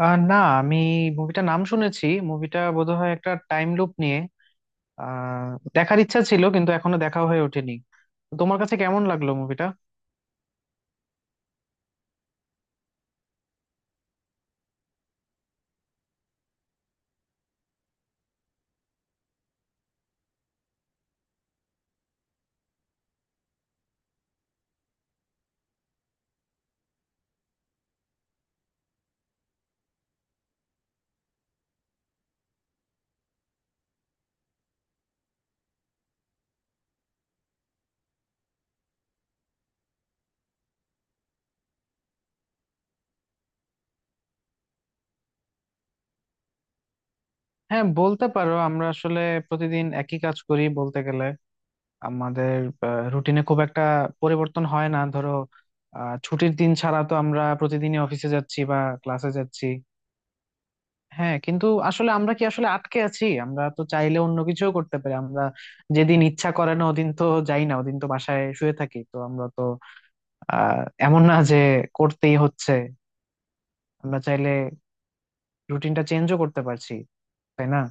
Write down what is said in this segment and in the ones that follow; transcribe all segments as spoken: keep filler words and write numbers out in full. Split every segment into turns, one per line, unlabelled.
আহ না, আমি মুভিটা নাম শুনেছি। মুভিটা বোধহয় একটা টাইম লুপ নিয়ে। আহ দেখার ইচ্ছা ছিল কিন্তু এখনো দেখা হয়ে ওঠেনি। তো তোমার কাছে কেমন লাগলো মুভিটা? হ্যাঁ, বলতে পারো আমরা আসলে প্রতিদিন একই কাজ করি বলতে গেলে। আমাদের রুটিনে খুব একটা পরিবর্তন হয় না ধরো। আহ ছুটির দিন ছাড়া তো আমরা প্রতিদিনই অফিসে যাচ্ছি বা ক্লাসে যাচ্ছি। হ্যাঁ, কিন্তু আসলে আমরা কি আসলে আটকে আছি? আমরা তো চাইলে অন্য কিছুও করতে পারি। আমরা যেদিন ইচ্ছা করে না ওদিন তো যাই না, ওদিন তো বাসায় শুয়ে থাকি। তো আমরা তো আহ এমন না যে করতেই হচ্ছে। আমরা চাইলে রুটিনটা চেঞ্জও করতে পারছি, তাই না?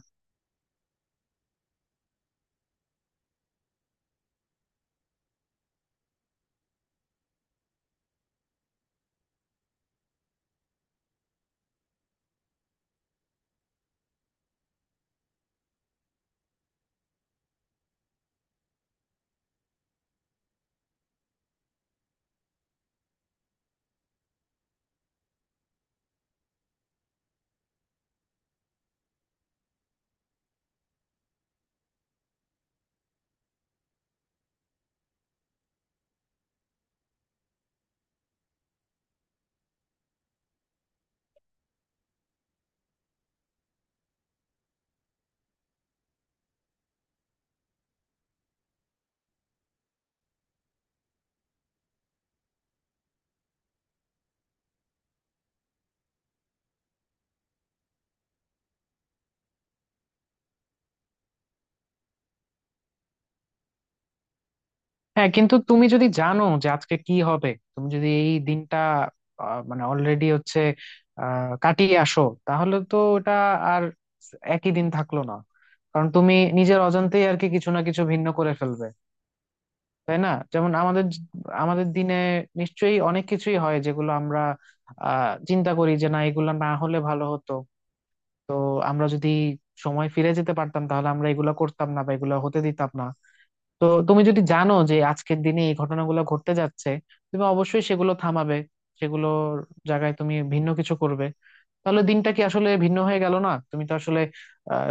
হ্যাঁ, কিন্তু তুমি যদি জানো যে আজকে কি হবে, তুমি যদি এই দিনটা আহ, মানে অলরেডি হচ্ছে আহ কাটিয়ে আসো, তাহলে তো এটা আর একই দিন থাকলো না। কারণ তুমি নিজের অজান্তেই আর কি কিছু না কিছু ভিন্ন করে ফেলবে, তাই না? যেমন আমাদের আমাদের দিনে নিশ্চয়ই অনেক কিছুই হয় যেগুলো আমরা আহ চিন্তা করি যে না, এগুলো না হলে ভালো হতো। তো আমরা যদি সময় ফিরে যেতে পারতাম তাহলে আমরা এগুলো করতাম না বা এগুলো হতে দিতাম না। তো তুমি যদি জানো যে আজকের দিনে এই ঘটনাগুলো ঘটতে যাচ্ছে, তুমি অবশ্যই সেগুলো থামাবে। সেগুলোর জায়গায় তুমি ভিন্ন কিছু করবে। তাহলে দিনটা কি আসলে ভিন্ন হয়ে গেল না? তুমি তো আসলে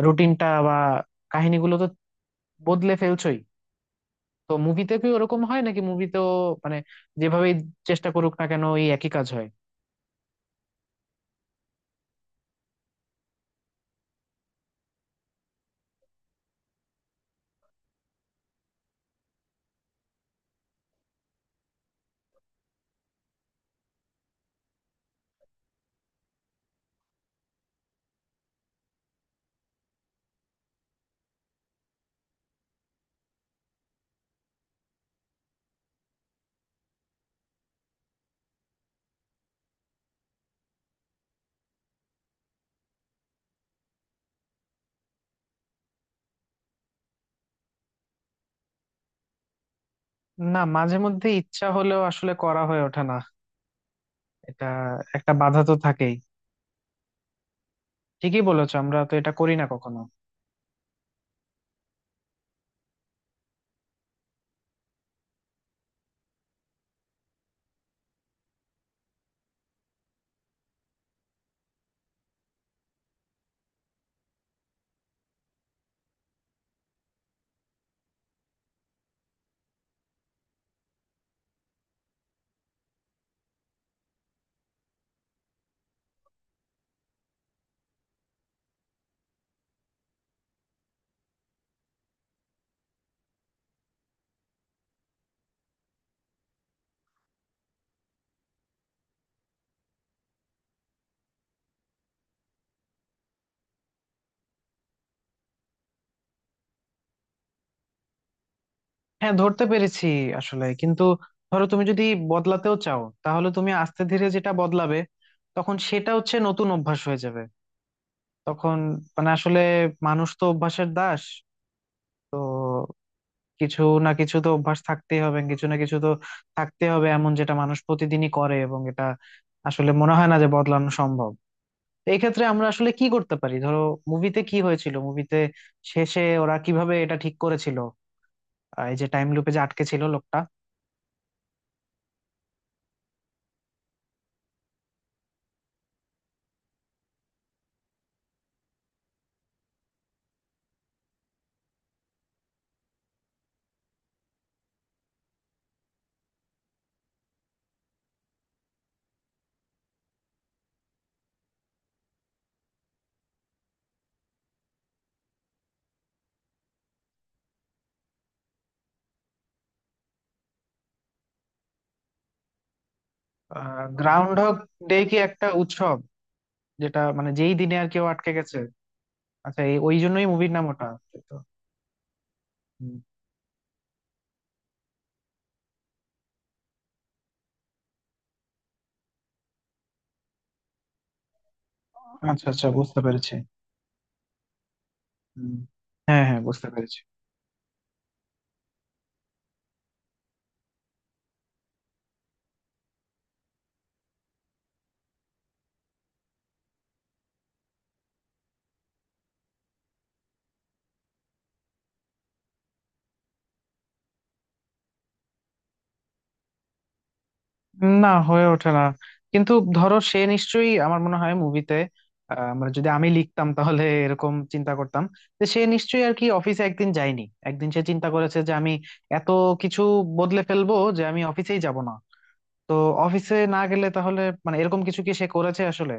রুটিনটা বা কাহিনীগুলো তো বদলে ফেলছোই। তো মুভিতে কি ওরকম হয় নাকি? মুভিতেও মানে যেভাবেই চেষ্টা করুক না কেন ওই একই কাজ হয়? না, মাঝে মধ্যে ইচ্ছা হলেও আসলে করা হয়ে ওঠে না। এটা একটা বাধা তো থাকেই। ঠিকই বলেছো, আমরা তো এটা করি না কখনো। হ্যাঁ, ধরতে পেরেছি। আসলে কিন্তু ধরো তুমি যদি বদলাতেও চাও তাহলে তুমি আস্তে ধীরে যেটা বদলাবে, তখন সেটা হচ্ছে নতুন অভ্যাস হয়ে যাবে। তখন মানে আসলে মানুষ তো অভ্যাসের দাস। তো কিছু না কিছু তো অভ্যাস থাকতেই হবে, কিছু না কিছু তো থাকতে হবে এমন যেটা মানুষ প্রতিদিনই করে, এবং এটা আসলে মনে হয় না যে বদলানো সম্ভব। তো এই ক্ষেত্রে আমরা আসলে কি করতে পারি ধরো? মুভিতে কি হয়েছিল? মুভিতে শেষে ওরা কিভাবে এটা ঠিক করেছিল, আহ, এই যে টাইম লুপে যে আটকে ছিল লোকটা? গ্রাউন্ড হগ ডে কি একটা উৎসব যেটা মানে যেই দিনে আর কেউ আটকে গেছে? আচ্ছা, এই ওই জন্যই মুভির নাম ওটা। তো, হুম। আচ্ছা আচ্ছা, বুঝতে পেরেছি। হুম। হ্যাঁ হ্যাঁ, বুঝতে পেরেছি। না, হয়ে ওঠে না। কিন্তু ধরো সে নিশ্চয়ই, আমার মনে হয় মুভিতে, আমরা যদি, আমি লিখতাম তাহলে এরকম চিন্তা করতাম যে সে নিশ্চয়ই আর কি অফিসে একদিন যায়নি। একদিন সে চিন্তা করেছে যে আমি এত কিছু বদলে ফেলবো যে আমি অফিসেই যাব না। তো অফিসে না গেলে তাহলে মানে এরকম কিছু কি সে করেছে আসলে?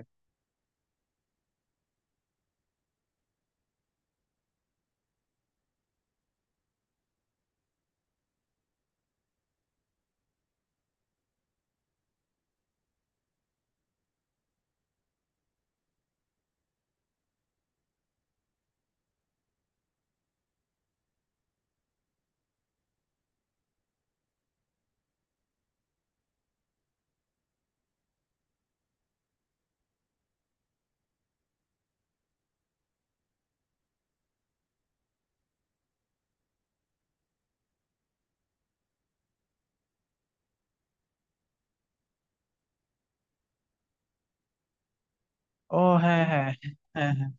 ও, হ্যাঁ হ্যাঁ। হ্যাঁ হ্যাঁ।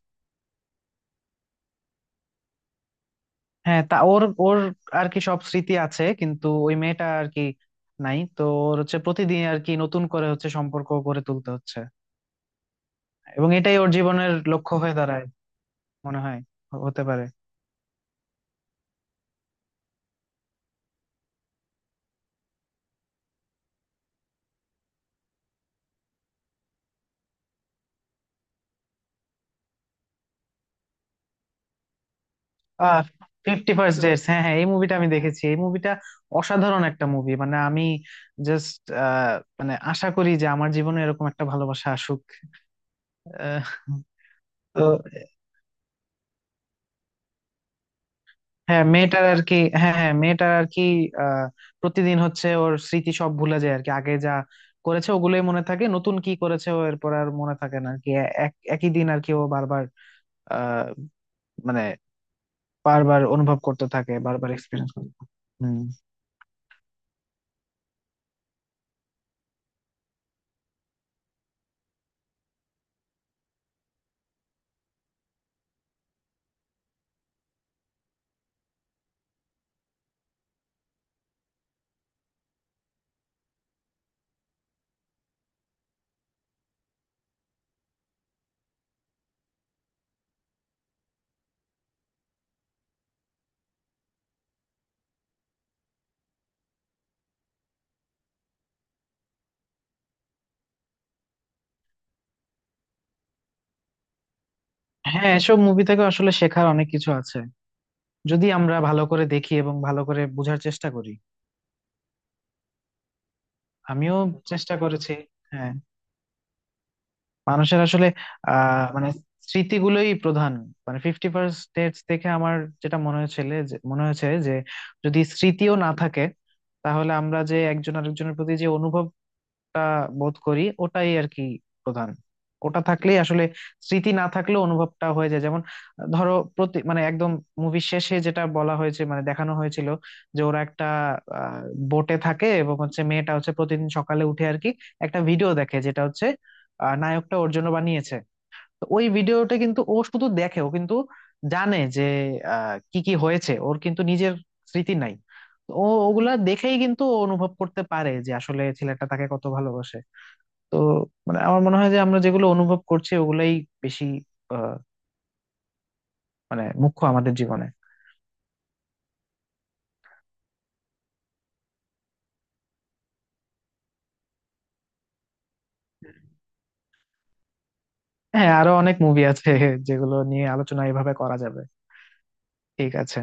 হ্যাঁ, তা ওর ওর আর কি সব স্মৃতি আছে কিন্তু ওই মেয়েটা আর কি নাই। তো ওর হচ্ছে প্রতিদিন আর কি নতুন করে হচ্ছে সম্পর্ক গড়ে তুলতে হচ্ছে, এবং এটাই ওর জীবনের লক্ষ্য হয়ে দাঁড়ায় মনে হয়। হ- হতে পারে। আহ ফিফটি ফার্স্ট ডেটস, হ্যাঁ হ্যাঁ, এই মুভিটা আমি দেখেছি। এই মুভিটা অসাধারণ একটা মুভি। মানে আমি জাস্ট মানে আশা করি যে আমার জীবনে এরকম একটা ভালোবাসা আসুক। আহ, তো হ্যাঁ, মেয়েটার আর কি, হ্যাঁ হ্যাঁ, মেয়েটার আর কি আহ প্রতিদিন হচ্ছে ওর স্মৃতি সব ভুলে যায় আর কি। আগে যা করেছে ওগুলোই মনে থাকে, নতুন কি করেছে ও এরপর আর মনে থাকে না আর কি। এ- এক- একই দিন আর কি ও বারবার আহ মানে বারবার অনুভব করতে থাকে, বারবার এক্সপিরিয়েন্স করতে থাকে। হুম। হ্যাঁ, এসব মুভি থেকে আসলে শেখার অনেক কিছু আছে যদি আমরা ভালো করে দেখি এবং ভালো করে বোঝার চেষ্টা করি। আমিও চেষ্টা করেছি। হ্যাঁ, মানুষের আসলে আহ মানে স্মৃতিগুলোই প্রধান। মানে ফিফটি ফার্স্ট ডেটস দেখে আমার যেটা মনে হয়েছিল, যে মনে হয়েছে যে যদি স্মৃতিও না থাকে, তাহলে আমরা যে একজন আরেকজনের প্রতি যে অনুভব, একটা বোধ করি, ওটাই আর কি প্রধান। ওটা থাকলেই আসলে স্মৃতি না থাকলেও অনুভবটা হয়ে যায়। যেমন ধরো প্রতি মানে একদম মুভির শেষে যেটা বলা হয়েছে, মানে দেখানো হয়েছিল, যে ওরা একটা আহ, বোটে থাকে এবং হচ্ছে মেয়েটা হচ্ছে প্রতিদিন সকালে উঠে আর কি একটা ভিডিও দেখে যেটা হচ্ছে আহ, নায়কটা ওর জন্য বানিয়েছে। তো ওই ভিডিওটা কিন্তু ও শুধু দেখে, ও কিন্তু জানে যে আহ, কি কি হয়েছে। ওর কিন্তু নিজের স্মৃতি নাই। তো ও ওগুলা দেখেই কিন্তু ও অনুভব করতে পারে যে আসলে ছেলেটা তাকে কত ভালোবাসে। তো মানে আমার মনে হয় যে আমরা যেগুলো অনুভব করছি ওগুলাই বেশি আহ, মানে মুখ্য আমাদের জীবনে। হ্যাঁ, আরো অনেক মুভি আছে যেগুলো নিয়ে আলোচনা এভাবে করা যাবে। ঠিক আছে।